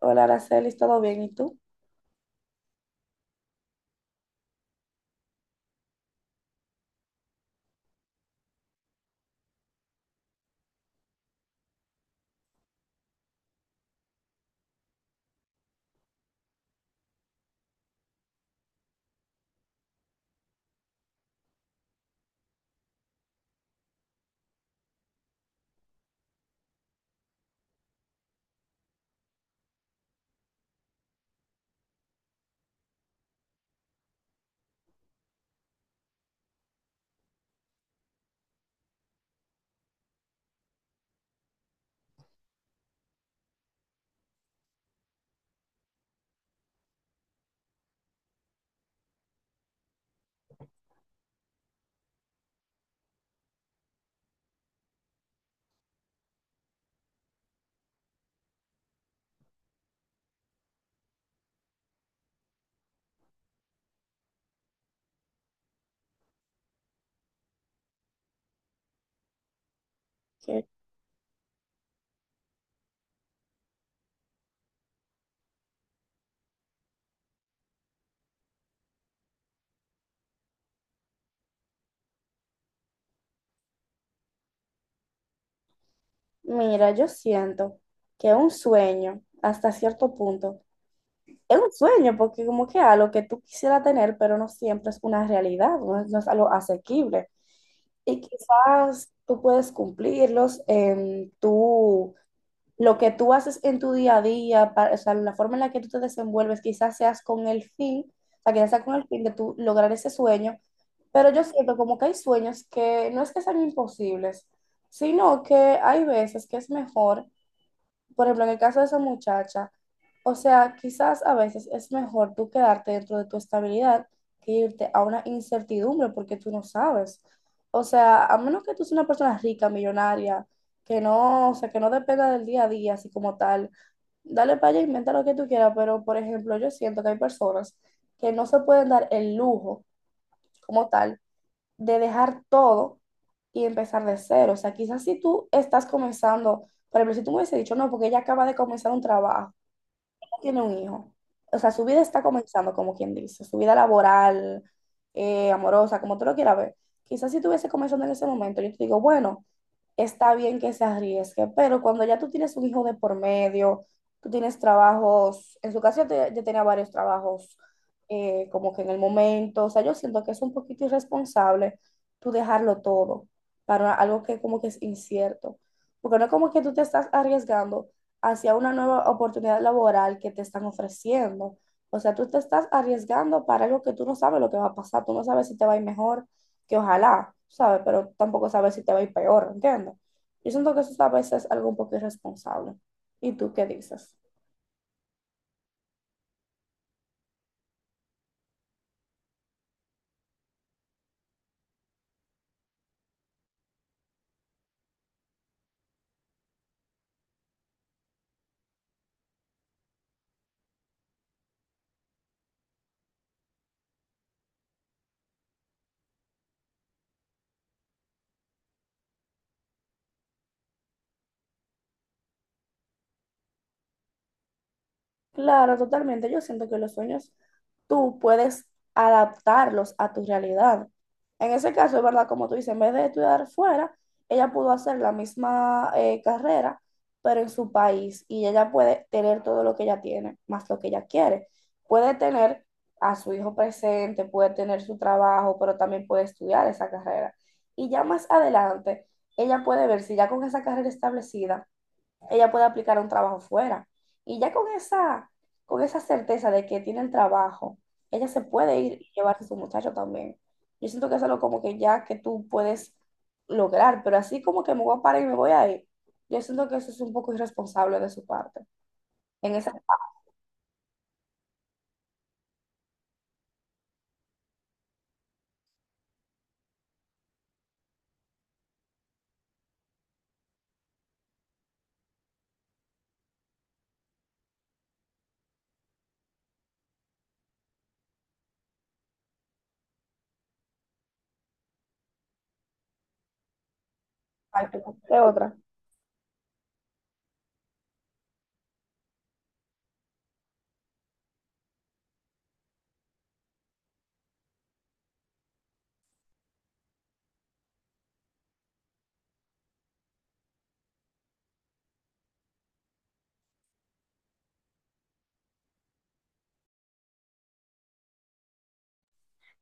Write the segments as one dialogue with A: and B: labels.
A: Hola, Araceli, ¿todo bien? ¿Y tú? ¿Qué? Mira, yo siento que un sueño, hasta cierto punto, es un sueño porque como que algo que tú quisieras tener, pero no siempre es una realidad, no es algo asequible. Y quizás tú puedes cumplirlos, tú lo que tú haces en tu día a día, para, o sea, la forma en la que tú te desenvuelves, quizás seas con el fin, o sea, quizás sea con el fin de tú lograr ese sueño, pero yo siento como que hay sueños que no es que sean imposibles, sino que hay veces que es mejor, por ejemplo, en el caso de esa muchacha, o sea, quizás a veces es mejor tú quedarte dentro de tu estabilidad que irte a una incertidumbre porque tú no sabes. O sea, a menos que tú seas una persona rica, millonaria, que no, o sea, que no dependa del día a día, así como tal, dale para allá, inventa lo que tú quieras, pero por ejemplo, yo siento que hay personas que no se pueden dar el lujo como tal de dejar todo y empezar de cero. O sea, quizás si tú estás comenzando, por ejemplo, si tú me hubiese dicho, no, porque ella acaba de comenzar un trabajo, tiene un hijo, o sea, su vida está comenzando, como quien dice, su vida laboral, amorosa, como tú lo quieras ver. Quizás si tuviese comenzando en ese momento, yo te digo, bueno, está bien que se arriesgue, pero cuando ya tú tienes un hijo de por medio, tú tienes trabajos, en su caso yo, yo tenía varios trabajos como que en el momento, o sea, yo siento que es un poquito irresponsable tú dejarlo todo para algo que como que es incierto, porque no es como que tú te estás arriesgando hacia una nueva oportunidad laboral que te están ofreciendo. O sea, tú te estás arriesgando para algo que tú no sabes lo que va a pasar, tú no sabes si te va a ir mejor, que ojalá, ¿sabes? Pero tampoco sabes si te va a ir peor, ¿entiendes? Yo siento que eso a veces es algo un poco irresponsable. ¿Y tú qué dices? Claro, totalmente. Yo siento que los sueños tú puedes adaptarlos a tu realidad. En ese caso, es verdad, como tú dices, en vez de estudiar fuera, ella pudo hacer la misma carrera, pero en su país, y ella puede tener todo lo que ella tiene, más lo que ella quiere. Puede tener a su hijo presente, puede tener su trabajo, pero también puede estudiar esa carrera. Y ya más adelante, ella puede ver si ya con esa carrera establecida ella puede aplicar a un trabajo fuera. Y ya con esa certeza de que tiene el trabajo, ella se puede ir y llevarse a su muchacho también. Yo siento que es algo como que ya que tú puedes lograr, pero así como que me voy a parar y me voy a ir, yo siento que eso es un poco irresponsable de su parte. En esa parte, de otra.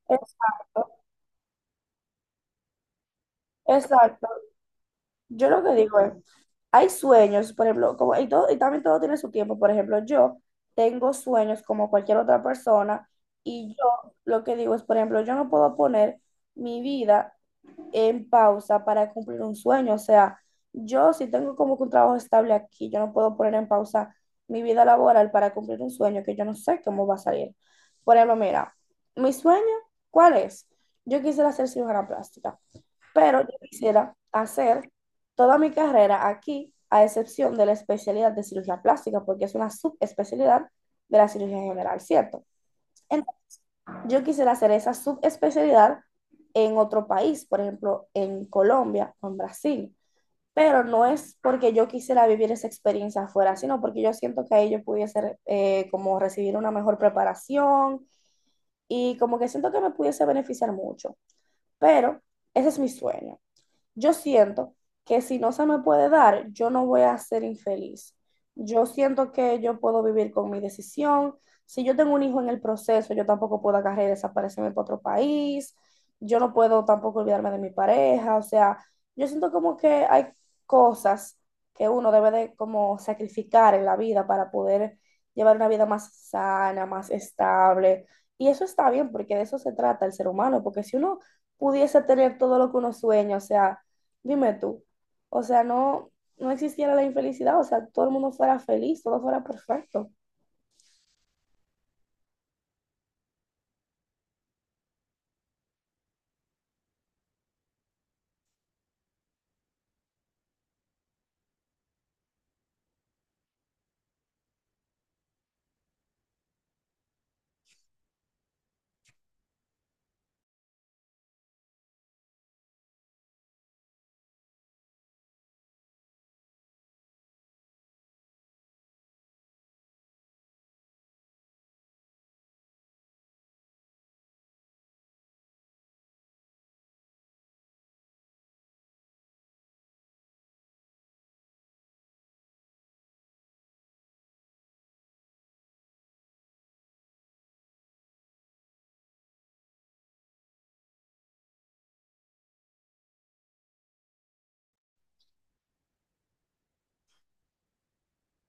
A: Exacto, exacto. Yo lo que digo es, hay sueños, por ejemplo, como, y, todo, y también todo tiene su tiempo. Por ejemplo, yo tengo sueños como cualquier otra persona y yo lo que digo es, por ejemplo, yo no puedo poner mi vida en pausa para cumplir un sueño. O sea, yo si tengo como que un trabajo estable aquí, yo no puedo poner en pausa mi vida laboral para cumplir un sueño que yo no sé cómo va a salir. Por ejemplo, mira, mi sueño, ¿cuál es? Yo quisiera ser cirujana plástica, pero yo quisiera hacer toda mi carrera aquí, a excepción de la especialidad de cirugía plástica, porque es una subespecialidad de la cirugía general, ¿cierto? Entonces, yo quisiera hacer esa subespecialidad en otro país, por ejemplo, en Colombia o en Brasil, pero no es porque yo quisiera vivir esa experiencia afuera, sino porque yo siento que ahí yo pudiese como recibir una mejor preparación y como que siento que me pudiese beneficiar mucho, pero ese es mi sueño. Yo siento que si no se me puede dar, yo no voy a ser infeliz. Yo siento que yo puedo vivir con mi decisión. Si yo tengo un hijo en el proceso, yo tampoco puedo agarrar y desaparecerme para otro país. Yo no puedo tampoco olvidarme de mi pareja. O sea, yo siento como que hay cosas que uno debe de como sacrificar en la vida para poder llevar una vida más sana, más estable. Y eso está bien porque de eso se trata el ser humano, porque si uno pudiese tener todo lo que uno sueña, o sea, dime tú, o sea, no, no existiera la infelicidad, o sea, todo el mundo fuera feliz, todo fuera perfecto.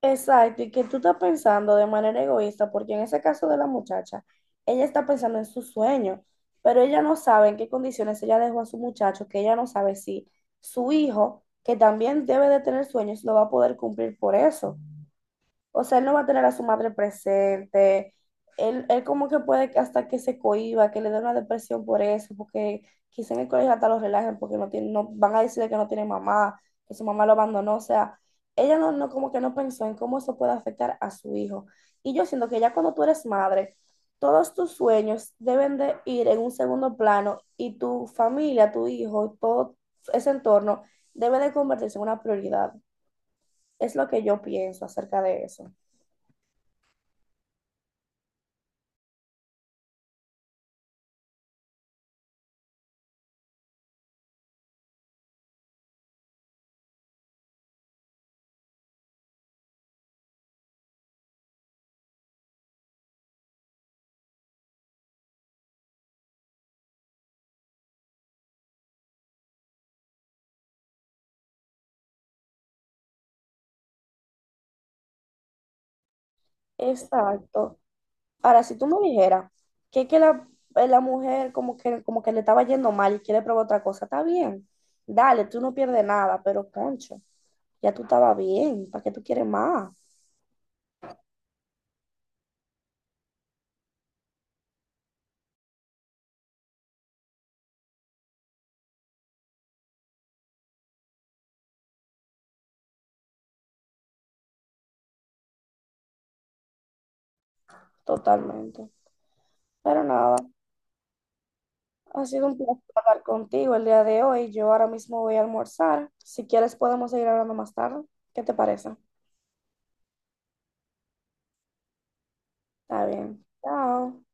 A: Exacto, y que tú estás pensando de manera egoísta, porque en ese caso de la muchacha, ella está pensando en su sueño, pero ella no sabe en qué condiciones ella dejó a su muchacho, que ella no sabe si su hijo, que también debe de tener sueños, lo va a poder cumplir por eso. O sea, él no va a tener a su madre presente. Él como que puede que hasta que se cohiba, que le dé una depresión por eso, porque quizá en el colegio hasta lo relajen porque no tiene, no, van a decir que no tiene mamá, que su mamá lo abandonó. O sea, ella no, no como que no pensó en cómo eso puede afectar a su hijo. Y yo siento que ya cuando tú eres madre, todos tus sueños deben de ir en un segundo plano y tu familia, tu hijo, todo ese entorno debe de convertirse en una prioridad. Es lo que yo pienso acerca de eso. Exacto. Ahora, si tú me dijeras que la, la mujer como que le estaba yendo mal y quiere probar otra cosa, está bien. Dale, tú no pierdes nada, pero concho, ya tú estabas bien, ¿para qué tú quieres más? Totalmente. Pero nada, ha sido un placer hablar contigo el día de hoy. Yo ahora mismo voy a almorzar. Si quieres podemos seguir hablando más tarde. ¿Qué te parece? Está bien. Chao.